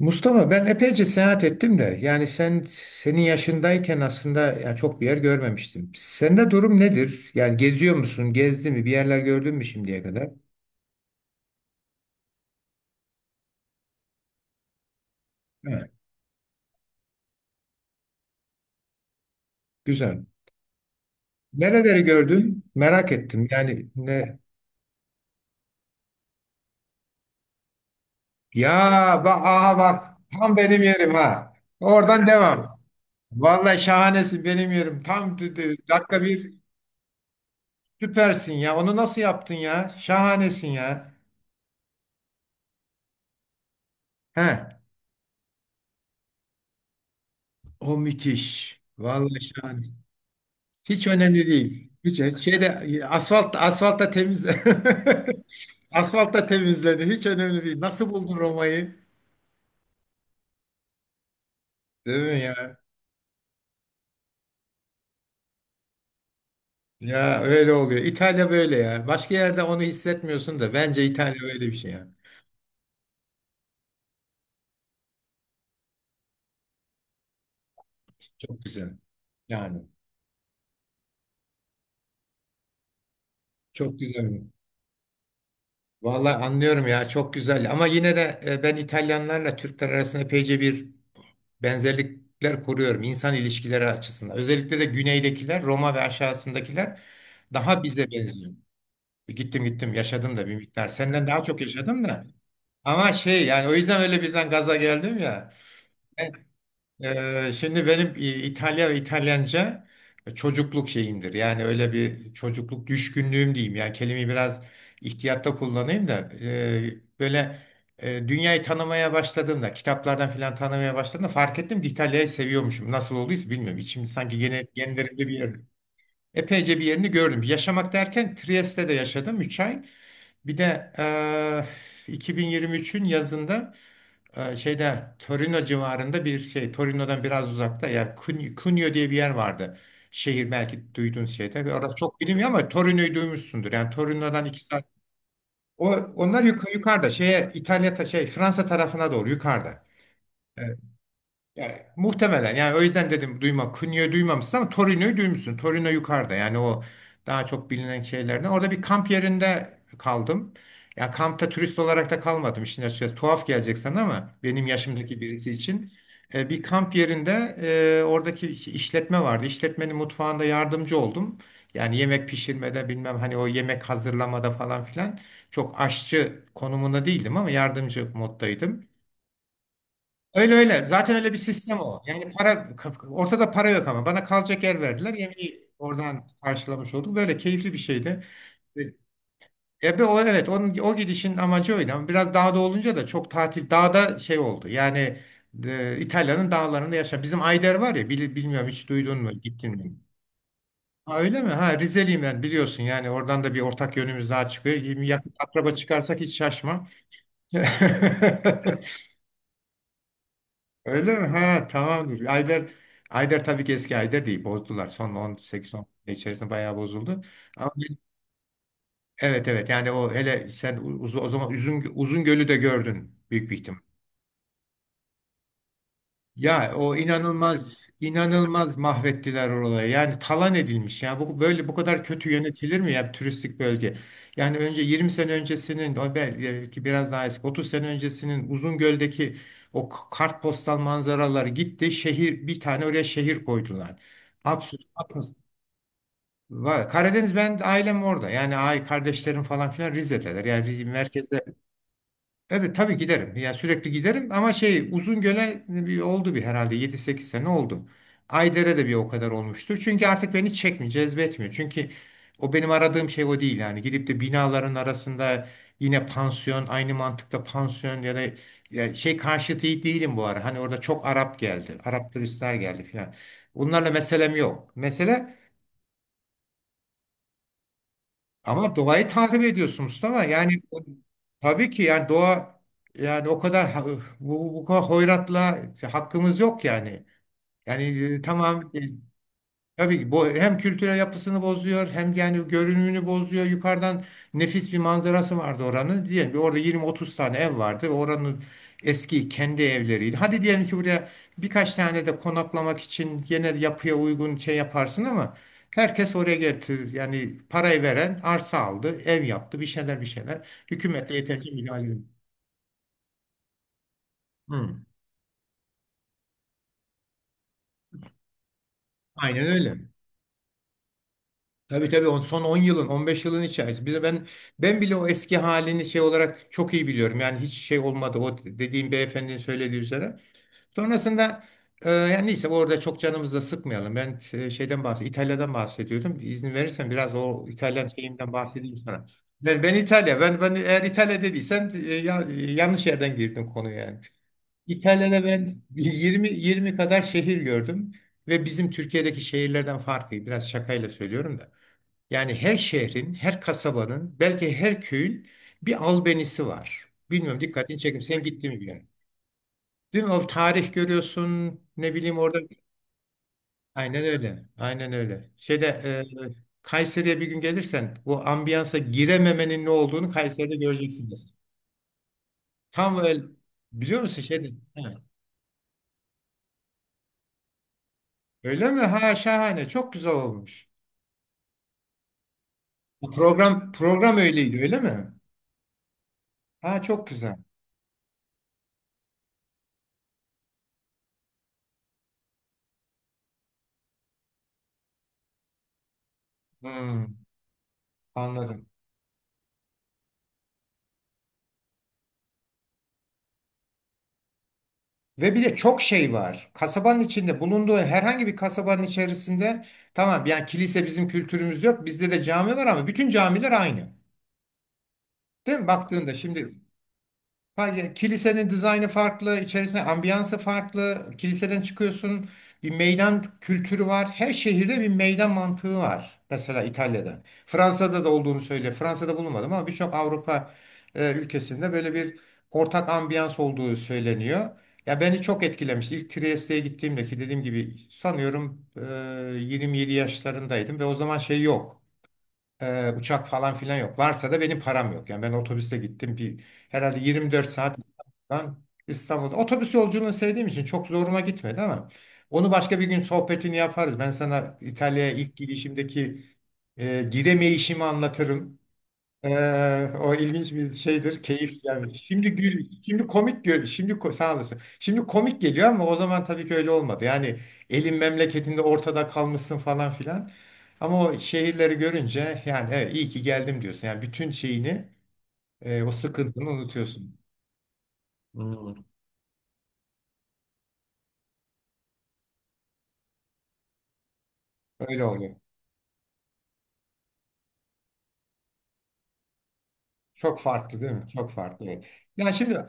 Mustafa, ben epeyce seyahat ettim de yani sen senin yaşındayken aslında ya çok bir yer görmemiştim. Sende durum nedir? Yani geziyor musun? Gezdi mi? Bir yerler gördün mü şimdiye kadar? Evet. Güzel. Nereleri gördün? Merak ettim. Yani ne? Ya bak, aha bak, tam benim yerim ha. Oradan devam. Vallahi şahanesin, benim yerim. Tam dakika bir, süpersin ya. Onu nasıl yaptın ya? Şahanesin ya. He. O müthiş. Vallahi şahane. Hiç önemli değil. Hiç şeyde asfaltta temiz asfaltta temizledi. Hiç önemli değil. Nasıl buldun Roma'yı? Değil mi ya? Ya öyle oluyor. İtalya böyle ya. Başka yerde onu hissetmiyorsun da bence İtalya öyle bir şey ya. Çok güzel. Yani çok güzel. Vallahi anlıyorum ya, çok güzel. Ama yine de ben İtalyanlarla Türkler arasında epeyce bir benzerlikler kuruyorum insan ilişkileri açısından. Özellikle de güneydekiler, Roma ve aşağısındakiler daha bize benziyor. Gittim gittim, yaşadım da bir miktar. Senden daha çok yaşadım da. Ama şey yani o yüzden öyle birden gaza geldim ya. Şimdi benim İtalya ve İtalyanca çocukluk şeyimdir. Yani öyle bir çocukluk düşkünlüğüm diyeyim. Yani kelimeyi biraz ihtiyatta kullanayım da böyle dünyayı tanımaya başladığımda, kitaplardan filan tanımaya başladığımda fark ettim ki İtalya'yı seviyormuşum. Nasıl olduysa bilmiyorum. İçim sanki genlerimde bir yer. Epeyce bir yerini gördüm. Yaşamak derken Trieste'de yaşadım 3 ay. Bir de 2023'ün yazında şeyde Torino civarında bir şey, Torino'dan biraz uzakta, yani Cuneo diye bir yer vardı. Şehir belki duyduğun şeyde. Ve orası çok bilinmiyor ama Torino'yu duymuşsundur. Yani Torino'dan 2 saat. O, onlar yukarıda şeye, İtalya şey, Fransa tarafına doğru yukarıda. Yani muhtemelen, yani o yüzden dedim duyma. Cunio'yu duymamışsın ama Torino'yu duymuşsun. Torino yukarıda yani o daha çok bilinen şeylerden. Orada bir kamp yerinde kaldım. Ya kampta turist olarak da kalmadım. İşin açıkçası tuhaf gelecek sana ama benim yaşımdaki birisi için. Bir kamp yerinde, oradaki işletme vardı. İşletmenin mutfağında yardımcı oldum. Yani yemek pişirmede bilmem, hani o yemek hazırlamada falan filan, çok aşçı konumunda değildim ama yardımcı moddaydım. Öyle öyle. Zaten öyle bir sistem o. Yani para, ortada para yok ama bana kalacak yer verdiler. Yemeği oradan karşılamış olduk. Böyle keyifli bir şeydi. Ebe o, evet, onun o gidişin amacı oydu ama biraz dağda olunca da çok tatil dağda şey oldu. Yani İtalya'nın dağlarında yaşa. Bizim Ayder var ya, bilmiyorum, hiç duydun mu, gittin mi? Ha, öyle mi? Ha, Rizeliyim ben, biliyorsun, yani oradan da bir ortak yönümüz daha çıkıyor. Yakın akraba çıkarsak hiç şaşma. Öyle mi? Ha, tamamdır. Ayder tabii ki eski Ayder değil. Bozdular. Son 18-10 sene içerisinde bayağı bozuldu. Ama evet evet, yani o hele sen o zaman Uzungöl'ü de gördün büyük bir ihtimal. Ya o, inanılmaz inanılmaz mahvettiler orayı. Yani talan edilmiş. Yani bu böyle bu kadar kötü yönetilir mi ya bir turistik bölge? Yani önce 20 sene öncesinin, o belki biraz daha eski, 30 sene öncesinin Uzungöl'deki o kartpostal manzaraları gitti. Şehir bir tane, oraya şehir koydular. Absürt. Absürt. Var. Karadeniz, ben ailem orada. Yani ay, kardeşlerim falan filan Rize'deler. Yani merkezde. Evet, tabii giderim. Yani sürekli giderim ama şey, Uzungöl'e bir oldu, bir herhalde yedi sekiz sene oldu. Ayder'e de bir o kadar olmuştur. Çünkü artık beni çekmiyor, cezbetmiyor. Çünkü o benim aradığım şey o değil yani. Gidip de binaların arasında yine pansiyon, aynı mantıkta pansiyon, ya da ya şey karşıtı değilim bu ara. Hani orada çok Arap geldi. Arap turistler geldi filan. Bunlarla meselem yok. Mesele, ama doğayı takip ediyorsun Mustafa. Yani tabii ki yani doğa, yani o kadar bu kadar hoyratla hakkımız yok yani. Yani tamam, tabii ki bu hem kültürel yapısını bozuyor hem yani görünümünü bozuyor. Yukarıdan nefis bir manzarası vardı oranın. Diyelim ki orada 20-30 tane ev vardı. Ve oranın eski kendi evleriydi. Hadi diyelim ki buraya birkaç tane de konaklamak için yine yapıya uygun şey yaparsın ama herkes oraya getir. Yani parayı veren arsa aldı, ev yaptı, bir şeyler bir şeyler. Hükümetle yeterince müdahale edildi. Hı. Aynen öyle. Tabii tabii, son 10 yılın, 15 yılın içerisinde. Bize ben ben bile o eski halini şey olarak çok iyi biliyorum. Yani hiç şey olmadı, o dediğim beyefendinin söylediği üzere. Sonrasında yani neyse, orada çok canımızı da sıkmayalım. Ben şeyden bahsediyorum. İtalya'dan bahsediyordum. İzin verirsen biraz o İtalyan şeyimden bahsedeyim sana. Ben İtalya. Ben eğer İtalya dediysen yanlış yerden girdin konuya yani. İtalya'da ben 20 20 kadar şehir gördüm ve bizim Türkiye'deki şehirlerden farkı, biraz şakayla söylüyorum da. Yani her şehrin, her kasabanın, belki her köyün bir albenisi var. Bilmiyorum, dikkatini çekim. Sen gittin mi bir yere? Değil mi? O tarih görüyorsun. Ne bileyim orada. Aynen öyle. Aynen öyle. Şeyde Kayseri'ye bir gün gelirsen o ambiyansa girememenin ne olduğunu Kayseri'de göreceksiniz. Tam öyle. Biliyor musun şeyde? Ha, öyle mi? Ha, şahane. Çok güzel olmuş. Bu program öyleydi öyle mi? Ha, çok güzel. Hmm, anladım. Ve bir de çok şey var. Kasabanın içinde bulunduğu herhangi bir kasabanın içerisinde, tamam, yani kilise, bizim kültürümüz yok. Bizde de cami var ama bütün camiler aynı. Değil mi? Baktığında şimdi, hayır, kilisenin dizaynı farklı, içerisinde ambiyansı farklı. Kiliseden çıkıyorsun, bir meydan kültürü var. Her şehirde bir meydan mantığı var. Mesela İtalya'da. Fransa'da da olduğunu söyle. Fransa'da bulunmadım ama birçok Avrupa ülkesinde böyle bir ortak ambiyans olduğu söyleniyor. Ya beni çok etkilemiş. İlk Trieste'ye gittiğimde, ki dediğim gibi sanıyorum 27 yaşlarındaydım ve o zaman şey yok. Uçak falan filan yok. Varsa da benim param yok. Yani ben otobüste gittim. Bir, herhalde 24 saat, İstanbul'dan İstanbul'da. Otobüs yolculuğunu sevdiğim için çok zoruma gitmedi ama onu başka bir gün sohbetini yaparız. Ben sana İtalya'ya ilk gidişimdeki giremeyişimi anlatırım. O ilginç bir şeydir, keyif yani. Şimdi gül, şimdi komik sağ olasın. Şimdi komik geliyor ama o zaman tabii ki öyle olmadı. Yani elin memleketinde ortada kalmışsın falan filan. Ama o şehirleri görünce yani evet, iyi ki geldim diyorsun. Yani bütün şeyini, o sıkıntını unutuyorsun. Hmm. Öyle oluyor. Çok farklı değil mi? Çok farklı. Evet. Yani şimdi,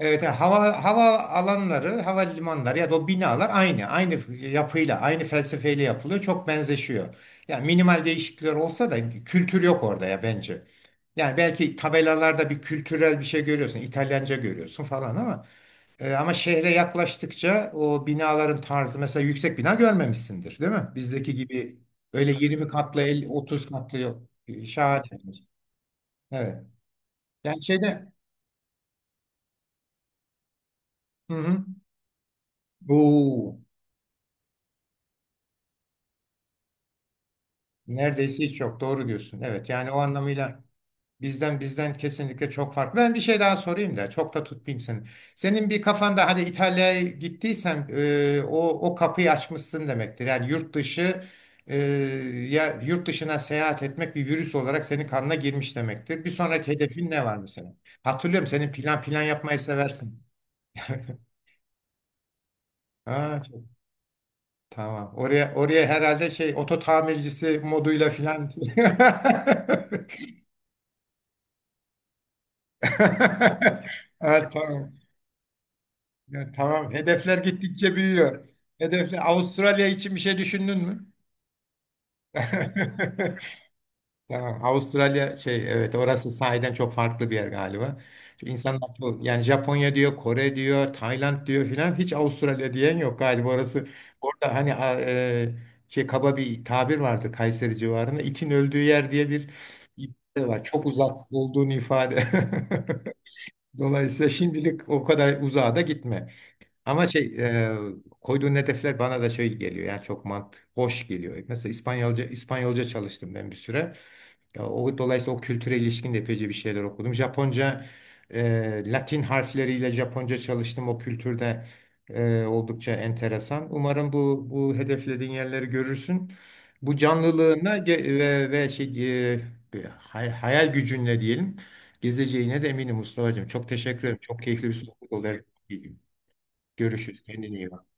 evet, yani hava alanları, havalimanları ya da o binalar aynı, aynı yapıyla, aynı felsefeyle yapılıyor. Çok benzeşiyor. Yani minimal değişiklikler olsa da kültür yok orada ya bence. Yani belki tabelalarda bir kültürel bir şey görüyorsun, İtalyanca görüyorsun falan ama ama şehre yaklaştıkça o binaların tarzı, mesela yüksek bina görmemişsindir, değil mi? Bizdeki gibi öyle 20 katlı, 50, 30 katlı yok. Şahane. Evet. Yani şeyde hı hı. Oo. Neredeyse hiç yok. Doğru diyorsun. Evet, yani o anlamıyla bizden kesinlikle çok farklı. Ben bir şey daha sorayım da çok da tutmayayım seni. Senin bir kafanda hani İtalya'ya gittiysen o kapıyı açmışsın demektir. Yani yurt dışı, e, ya yurt dışına seyahat etmek bir virüs olarak senin kanına girmiş demektir. Bir sonraki hedefin ne var mesela? Hatırlıyorum, senin plan yapmayı seversin. Ha, tamam. Oraya herhalde şey oto tamircisi moduyla filan evet, tamam. Ya, tamam. Hedefler gittikçe büyüyor. Hedefler, Avustralya için bir şey düşündün mü? Tamam. Avustralya şey, evet, orası sahiden çok farklı bir yer galiba. Çünkü İnsanın aklı yani Japonya diyor, Kore diyor, Tayland diyor filan, hiç Avustralya diyen yok galiba orası. Orada hani şey kaba bir tabir vardı Kayseri civarında, itin öldüğü yer diye bir ifade var. Çok uzak olduğunu ifade. Dolayısıyla şimdilik o kadar uzağa da gitme. Ama şey koyduğun hedefler bana da şey geliyor yani çok hoş geliyor. Mesela İspanyolca çalıştım ben bir süre. Ya, o dolayısıyla o kültüre ilişkin de epeyce bir şeyler okudum. Japonca Latin harfleriyle Japonca çalıştım. O kültürde oldukça enteresan. Umarım bu hedeflediğin yerleri görürsün. Bu canlılığına ve şey bir hayal gücünle diyelim, gezeceğine de eminim Mustafa'cığım. Çok teşekkür ederim. Çok keyifli bir sohbet oldu. Görüşürüz. Kendine iyi bak.